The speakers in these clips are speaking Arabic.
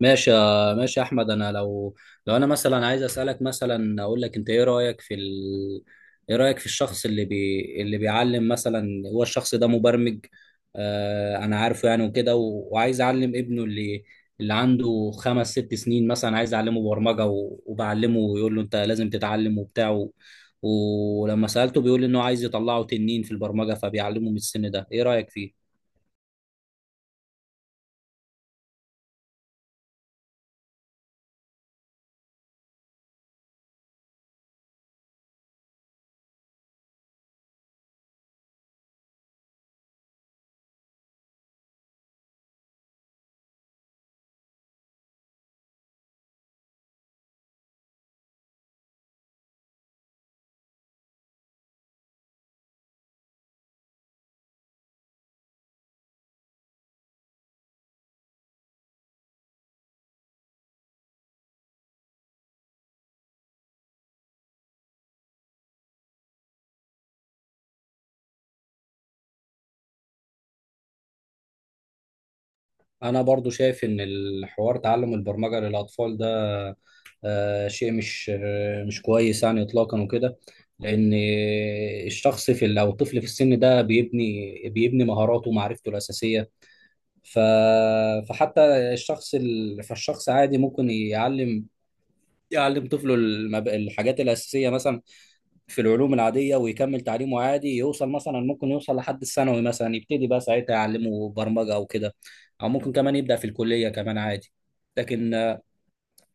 ماشي يا احمد انا لو انا مثلا عايز اسالك، مثلا اقول لك، انت ايه رايك في ايه رايك في الشخص اللي بيعلم مثلا؟ هو الشخص ده مبرمج، آه انا عارفه، يعني وكده وعايز اعلم ابنه اللي عنده خمس ست سنين مثلا، عايز اعلمه برمجه وبعلمه ويقول له انت لازم تتعلم وبتاع، ولما سالته بيقول انه عايز يطلعه تنين في البرمجه، فبيعلمه من السن ده. ايه رايك فيه؟ انا برضو شايف ان الحوار تعلم البرمجه للاطفال ده، شيء مش كويس يعني اطلاقا وكده. لان الشخص في او الطفل في السن ده بيبني مهاراته ومعرفته الاساسيه. ف فحتى فالشخص عادي ممكن يعلم طفله الحاجات الاساسيه، مثلا في العلوم العاديه، ويكمل تعليمه عادي، يوصل مثلا، ممكن يوصل لحد الثانوي مثلا، يبتدي بقى ساعتها يعلمه برمجه او كده، او ممكن كمان يبدا في الكليه كمان عادي. لكن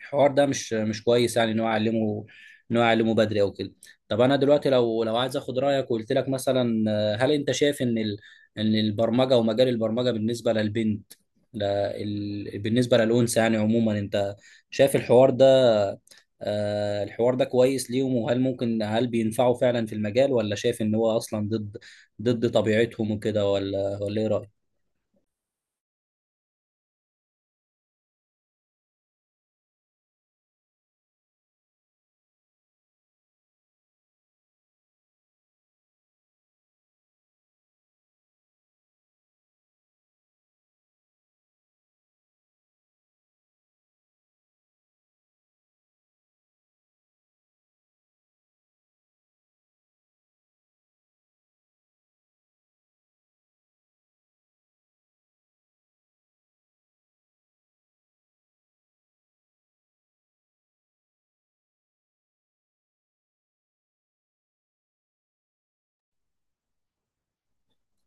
الحوار ده مش كويس يعني، ان هو يعلمه بدري او كده. طب انا دلوقتي لو عايز اخد رايك وقلت لك مثلا، هل انت شايف ان ان البرمجه ومجال البرمجه بالنسبه للبنت، بالنسبه للانثى يعني عموما، انت شايف الحوار ده، الحوار ده كويس ليهم؟ وهل ممكن، هل بينفعوا فعلا في المجال، ولا شايف ان هو اصلا ضد طبيعتهم وكده؟ ولا ايه رأيك؟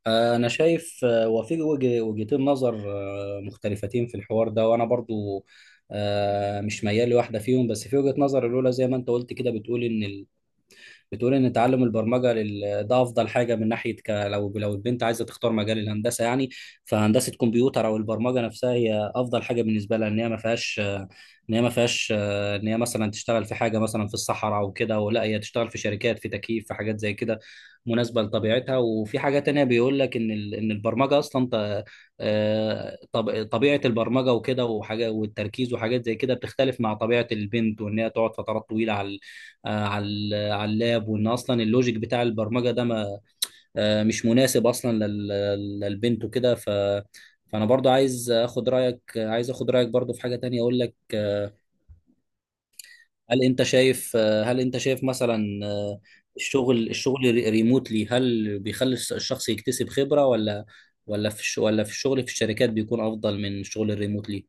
أنا شايف، وفي وجهتين نظر مختلفتين في الحوار ده، وأنا برضو مش ميال لواحدة فيهم. بس في وجهة نظر الأولى زي ما أنت قلت كده، بتقول ان تعلم البرمجه ده افضل حاجه من ناحيه لو البنت عايزه تختار مجال الهندسه يعني، فهندسه كمبيوتر او البرمجه نفسها هي افضل حاجه بالنسبه لها، ان هي ما فيهاش ان هي مثلا تشتغل في حاجه مثلا في الصحراء او كده، ولا هي تشتغل في شركات في تكييف في حاجات زي كده، مناسبه لطبيعتها. وفي حاجه تانية بيقول لك ان ان البرمجه اصلا طبيعه البرمجه وكده وحاجه والتركيز وحاجات زي كده بتختلف مع طبيعه البنت، وان هي تقعد فترات طويله على على على اللاب، وان اصلا اللوجيك بتاع البرمجه ده ما آه، مش مناسب اصلا للبنت وكده. فانا برضو عايز اخد رايك، عايز اخد رايك برضو في حاجه تانية اقول لك، هل انت شايف، هل انت شايف مثلا، ريموتلي هل بيخلي الشخص يكتسب خبره؟ ولا في ولا في الشغل في الشركات بيكون افضل من الشغل الريموتلي؟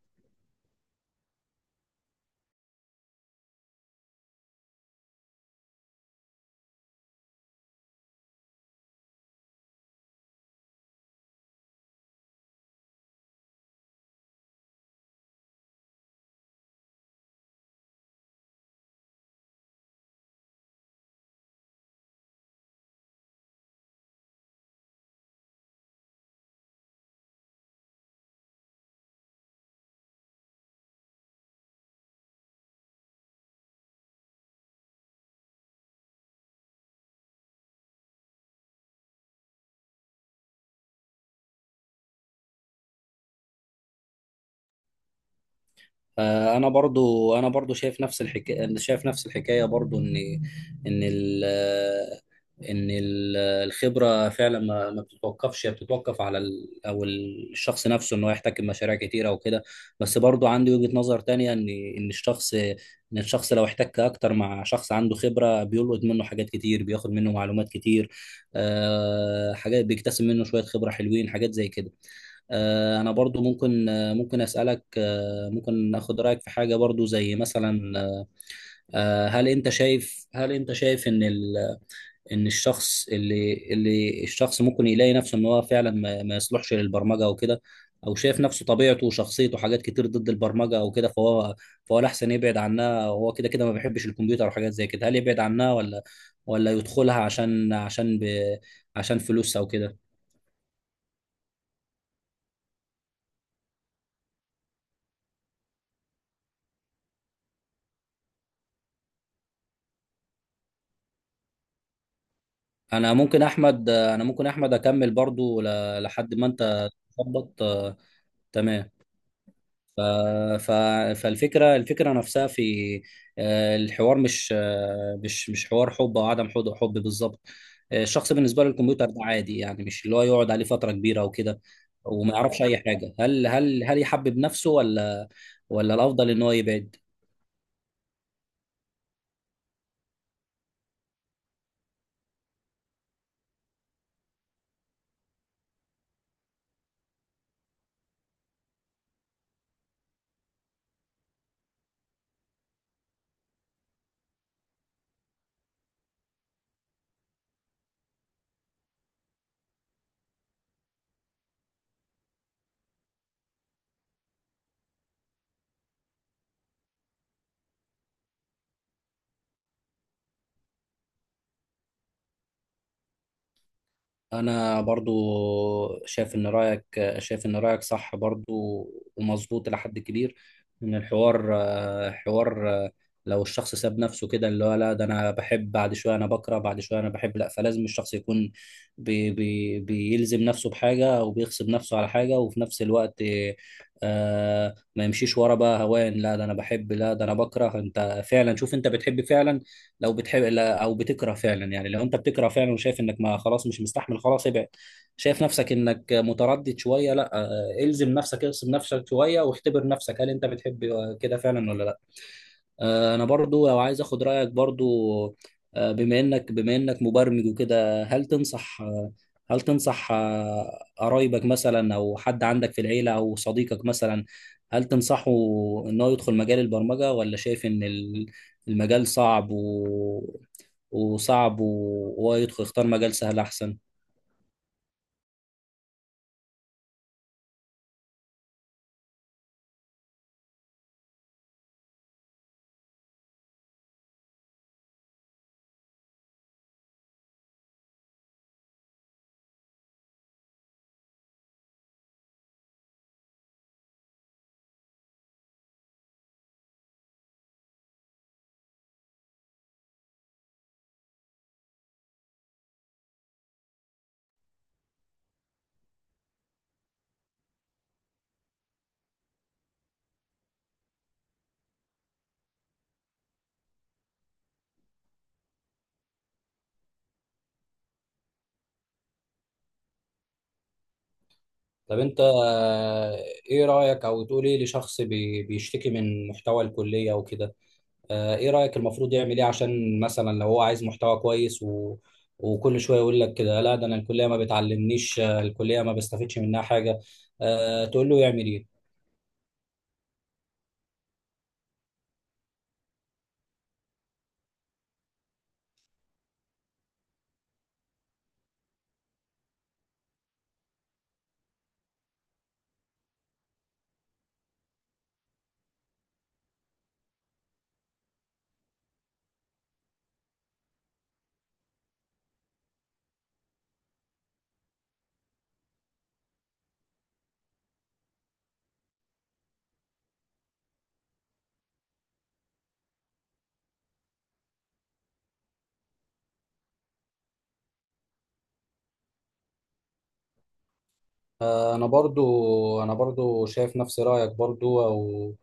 انا برضو، شايف نفس الحكايه، انا شايف نفس الحكايه برضو، ان ان ال ان الخبره فعلا ما بتتوقفش، هي بتتوقف على ال، او الشخص نفسه، ان هو يحتكم مشاريع كتيره وكده. بس برضو عندي وجهه نظر تانية، ان الشخص لو احتك اكتر مع شخص عنده خبره، بيلقط منه حاجات كتير، بياخد منه معلومات كتير، حاجات، بيكتسب منه شويه خبره حلوين، حاجات زي كده. انا برضو ممكن اسالك، ممكن اخد رايك في حاجه برضو زي مثلا، هل انت شايف ان ان الشخص اللي ممكن يلاقي نفسه ان هو فعلا ما يصلحش للبرمجه او كده، او شايف نفسه طبيعته وشخصيته حاجات كتير ضد البرمجه او كده، فهو الاحسن يبعد عنها، وهو كده كده ما بيحبش الكمبيوتر وحاجات زي كده. هل يبعد عنها ولا يدخلها عشان عشان ب عشان فلوس او كده؟ انا ممكن احمد اكمل برضو لحد ما انت تظبط، تمام. ف... ف... فالفكره، الفكره نفسها في آه، الحوار مش مش حوار حب او عدم حب، حب بالظبط. الشخص بالنسبه له الكمبيوتر ده عادي، يعني مش اللي هو يقعد عليه فتره كبيره او كده، وما يعرفش اي حاجه. هل يحبب نفسه، ولا ولا الافضل ان هو يبعد؟ انا برضو شايف ان رايك، صح برضو ومظبوط الى حد كبير. ان الحوار حوار، لو الشخص ساب نفسه كده، اللي هو لا ده انا بحب بعد شويه، انا بكره بعد شويه، انا بحب، لا. فلازم الشخص يكون بي بي بيلزم نفسه بحاجه او بيغصب نفسه على حاجه، وفي نفس الوقت آه ما يمشيش ورا بقى هوان، لا ده انا بحب، لا ده انا بكره. انت فعلا شوف انت بتحب فعلا، لو بتحب، او بتكره فعلا يعني. لو انت بتكره فعلا وشايف انك ما خلاص مش مستحمل، خلاص ابعد. شايف نفسك انك متردد شويه، لا، الزم نفسك، اغصب نفسك شويه واختبر نفسك، هل انت بتحب كده فعلا ولا لا. انا برضو لو عايز اخد رايك برضو، بما انك مبرمج وكده، هل تنصح، هل تنصح، قرايبك مثلا او حد عندك في العيله او صديقك مثلا، هل تنصحه ان هو يدخل مجال البرمجه، ولا شايف ان المجال صعب وصعب، وهو يدخل يختار مجال سهل احسن؟ طب انت، ايه رأيك او تقول ايه لشخص بيشتكي من محتوى الكلية وكده؟ ايه رأيك، المفروض يعمل ايه عشان مثلا لو هو عايز محتوى كويس، وكل شوية يقول لك كده، لا ده انا الكلية ما بتعلمنيش، الكلية ما بستفدش منها حاجة، تقول له يعمل ايه؟ انا برضو، شايف نفس رأيك برضو،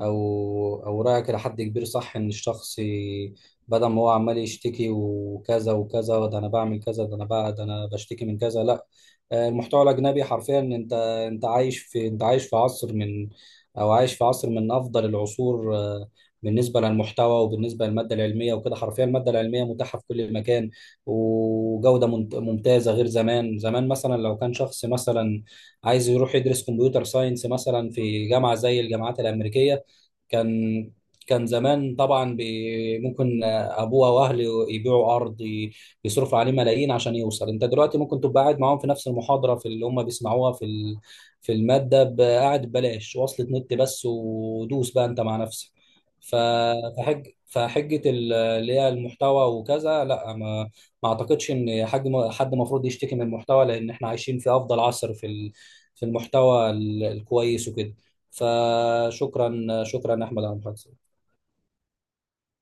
او او رأيك لحد كبير صح، ان الشخص بدل ما هو عمال يشتكي وكذا وكذا، ده انا بعمل كذا، ده انا بقى، ده انا بشتكي من كذا، لا. المحتوى الاجنبي حرفيا، انت انت عايش في عصر من، او عايش في عصر من افضل العصور، بالنسبه للمحتوى وبالنسبه للماده العلميه وكده. حرفيا الماده العلميه متاحه في كل مكان، وجوده ممتازه، غير زمان. زمان مثلا لو كان شخص مثلا عايز يروح يدرس كمبيوتر ساينس مثلا في جامعه زي الجامعات الامريكيه، كان كان زمان طبعا ممكن ابوه واهله يبيعوا ارض، بيصرفوا عليه ملايين عشان يوصل. انت دلوقتي ممكن تبقى قاعد معاهم في نفس المحاضره، في اللي هم بيسمعوها في في الماده، قاعد ببلاش، وصلة نت بس ودوس بقى انت مع نفسك. ف- فحجه اللي هي المحتوى وكذا، لا، ما اعتقدش ان حد المفروض يشتكي من المحتوى، لان احنا عايشين في افضل عصر في في المحتوى الكويس وكده. فشكرا احمد على المحادثه.